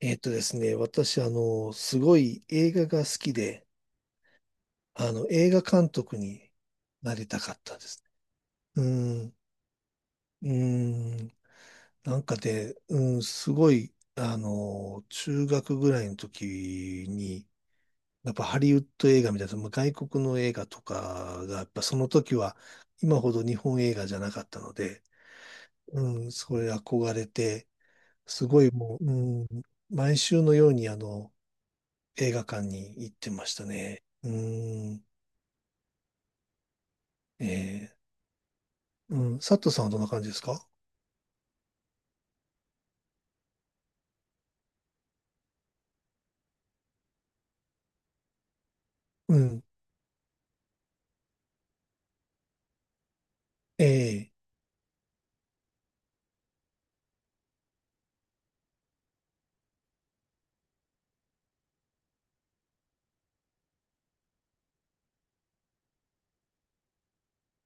えっとですね、私、すごい映画が好きで、映画監督になりたかったですね。うん、なんかね、うん、すごい、中学ぐらいの時に、やっぱハリウッド映画みたいな、まあ外国の映画とかが、やっぱその時は、今ほど日本映画じゃなかったので、うん、それ憧れて、すごいもう、うん、毎週のように、映画館に行ってましたね。うーん。えうん。佐藤さんはどんな感じですか？うん。え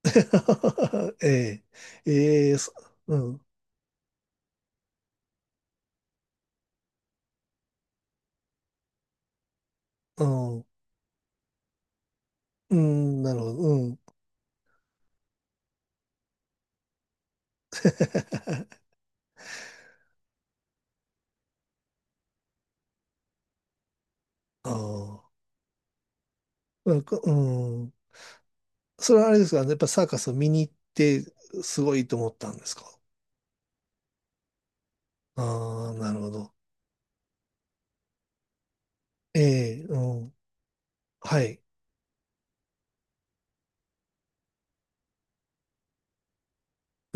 ー、えー、えー、そうん。うん。うん。なるほど。うん。ああ。なんか、うん。それはあれですかね。やっぱサーカスを見に行って、すごいと思ったんですか？ああ、なるほど。ええ、うん。はい。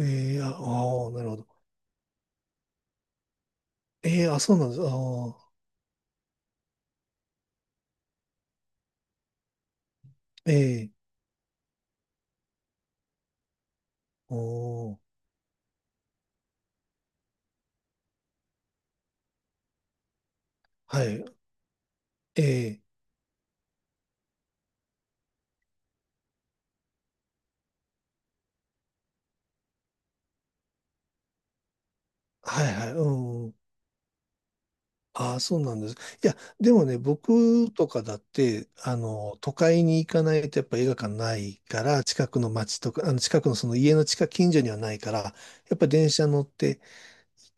ええ、ああー、なるほど。ええ、あ、そうなんです。ああ、ええ、おー、はい。えはいはい、うん。ああ、そうなんです。いや、でもね、僕とかだって、都会に行かないとやっぱ映画館ないから、近くの街とか、近くのその家の近所にはないから、やっぱ電車乗って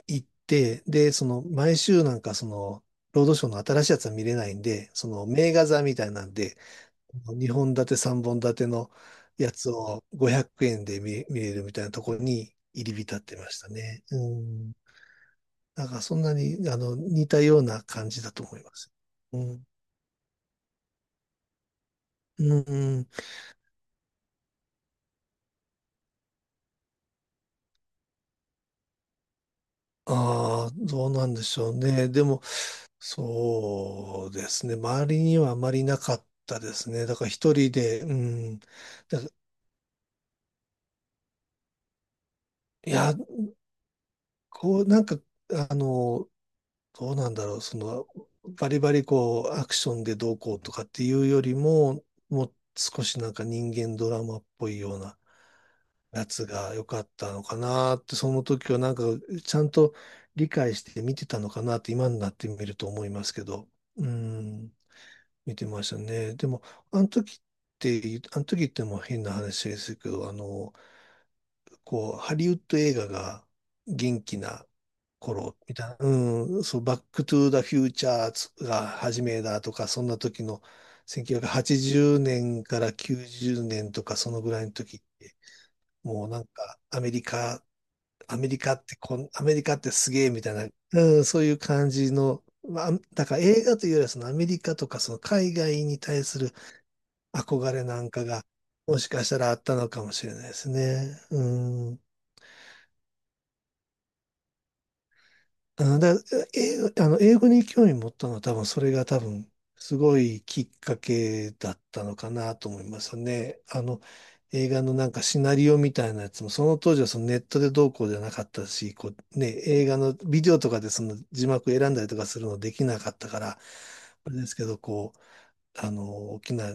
行って、で、その、毎週なんかその、ロードショーの新しいやつは見れないんで、その、名画座みたいなんで、2本立て、3本立てのやつを500円で見れるみたいなところに入り浸ってましたね。うん。なんかそんなに、似たような感じだと思います。うん。うん、うん。ああ、どうなんでしょうね。でも、そうですね。周りにはあまりなかったですね。だから一人で、うん。だいや、こう、なんか、あの、どうなんだろう。その、バリバリこう、アクションでどうこうとかっていうよりも、もう少しなんか人間ドラマっぽいような夏が良かったのかなって、その時はなんかちゃんと理解して見てたのかなって今になってみると思いますけど、うん、見てましたね。でも、あの時っあの時ってもう変な話ですけど、こう、ハリウッド映画が元気な頃みたいな、うん、そう、バックトゥーザフューチャーが始めだとか、そんな時の1980年から90年とかそのぐらいの時って、もうなんかアメリカってすげえみたいな、うん、そういう感じの、まあ、だから映画というよりはそのアメリカとかその海外に対する憧れなんかが、もしかしたらあったのかもしれないですね。うん。あだ、英あの、英語に興味持ったのは多分それが多分すごいきっかけだったのかなと思いますね。映画のなんかシナリオみたいなやつも、その当時はそのネットでどうこうじゃなかったし、こうね、映画のビデオとかでその字幕選んだりとかするのできなかったから、あれですけど、こう、大きな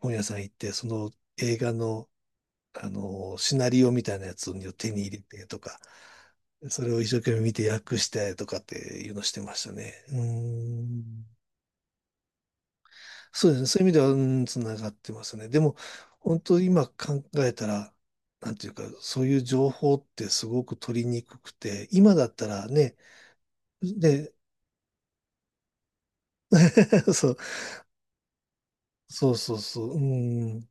本屋さん行って、その映画のシナリオみたいなやつを手に入れてとか、それを一生懸命見て訳してとかっていうのしてましたね。うーん。そうですね。そういう意味では、うん、つながってますね。でも、本当今考えたら、なんていうか、そういう情報ってすごく取りにくくて、今だったらね、で、そう、そうそうそう、うん。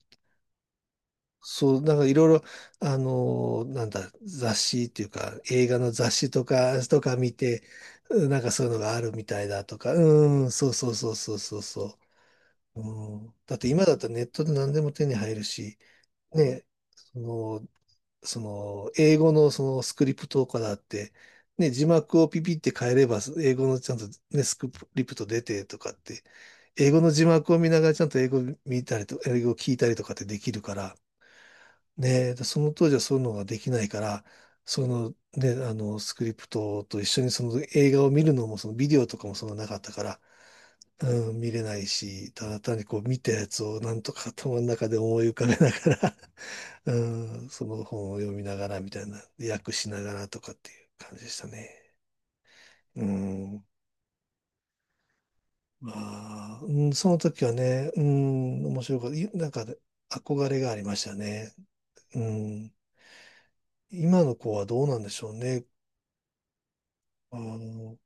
そう、なんかいろいろ、なんだ、雑誌っていうか、映画の雑誌とか、とか見て、うんなんかそういうのがあるみたいだとか、うん、そうそうそうそうそうそう。うん、だって今だったらネットで何でも手に入るし、ね、その、その、英語のそのスクリプトとかだって、ね、字幕をピピって変えれば、英語のちゃんとね、スクリプト出てとかって、英語の字幕を見ながらちゃんと英語見たりと、英語を聞いたりとかってできるから、ね、でその当時はそういうのができないから、そのね、スクリプトと一緒にその映画を見るのも、そのビデオとかもそんななかったから、うん、見れないし、ただ単にこう見たやつをなんとか頭の中で思い浮かべながら、うん、その本を読みながらみたいな、訳しながらとかっていう感じでしたね。うん、まあ、うん、その時はね、うん、面白かった。なんかね憧れがありましたね。うん、今の子はどうなんでしょうね。あー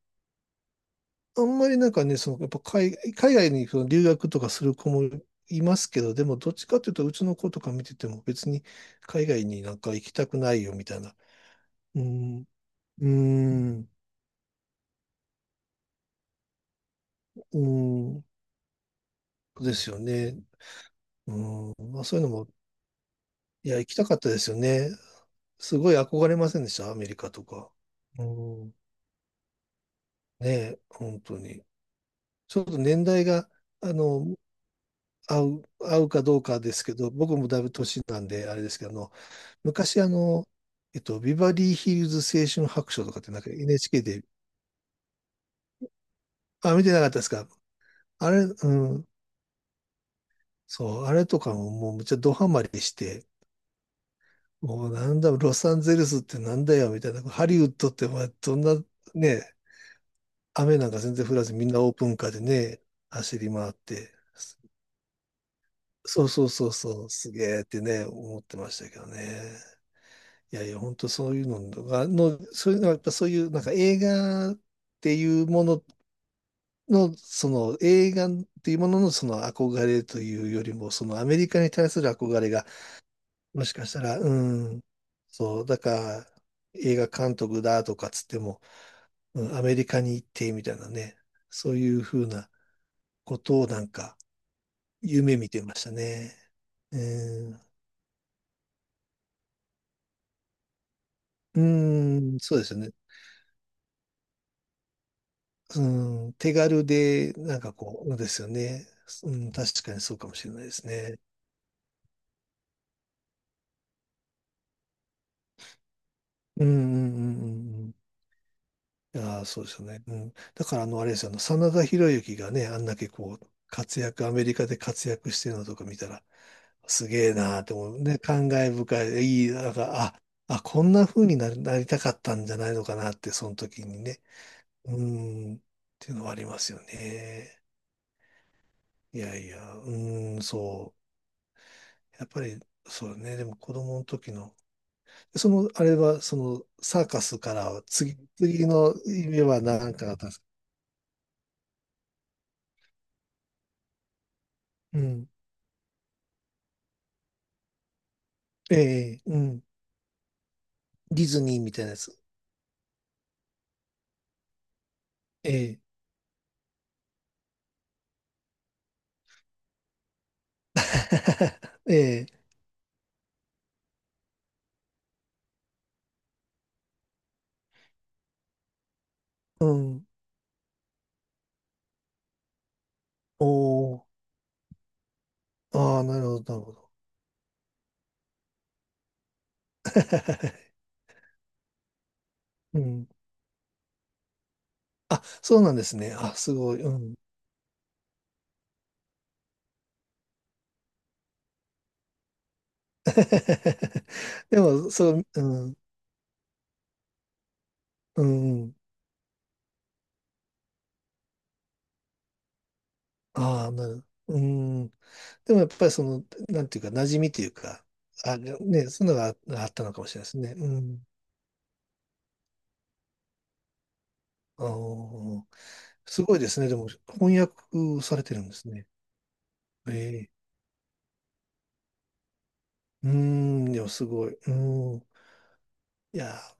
あんまりなんかね、その、やっぱ海外にその留学とかする子もいますけど、でもどっちかというと、うちの子とか見てても別に海外になんか行きたくないよみたいな。うん、うん、うん、ですよね。うん、まあそういうのも、いや、行きたかったですよね。すごい憧れませんでした、アメリカとか。うん、ねえ、本当に。ちょっと年代が、あの、合うかどうかですけど、僕もだいぶ年なんで、あれですけど、昔、ビバリーヒルズ青春白書とかってなんか NHK で、あ、見てなかったですか？あれ、うん、そう、あれとかももうめっちゃドハマりして、もうなんだ、ロサンゼルスってなんだよ、みたいな。ハリウッドってまあどんな、ね、雨なんか全然降らずみんなオープンカーでね、走り回って、そうそうそうそう、すげーってね、思ってましたけどね。いやいや、本当そういうのが、の、そういうのはやっぱそういうなんか映画っていうものの、その映画っていうもののその憧れというよりも、そのアメリカに対する憧れが、もしかしたら、うん、そう、だから、映画監督だとかつっても、うん、アメリカに行ってみたいなね、そういうふうなことをなんか、夢見てましたね。うん、うんそうですよね。うん、手軽で、なんかこう、ですよね。うん、確かにそうかもしれないですね。うん、うん、うん、うん。うんああ、そうですよね。うん。だから、あれですよ、真田広之がね、あんだけこう、アメリカで活躍してるのとか見たら、すげえなーって思う。ね、感慨深い。いい、なんか、あ、あ、こんな風になりたかったんじゃないのかなって、その時にね。うーん、っていうのはありますよね。いやいや、うーん、そう。やっぱり、そうね。でも子供の時の、その、あれは、その、サーカスからは、次の夢は何かだったんですか？うん。ええうん。ディズニーみたいなやつ。ええ。ええ。うん。おー。ああ、なるほど、なるほど。うん。あ、そうなんですね。あ、すごい。うん。でも、そう、うん、うん。ああ、なる。うん。でもやっぱりその、なんていうか、馴染みというか、あ、ね、そういうのがああったのかもしれないですね。うん。あーすごいですね。でも、翻訳されてるんですね。ええ。うん、でもすごい。うん。いやー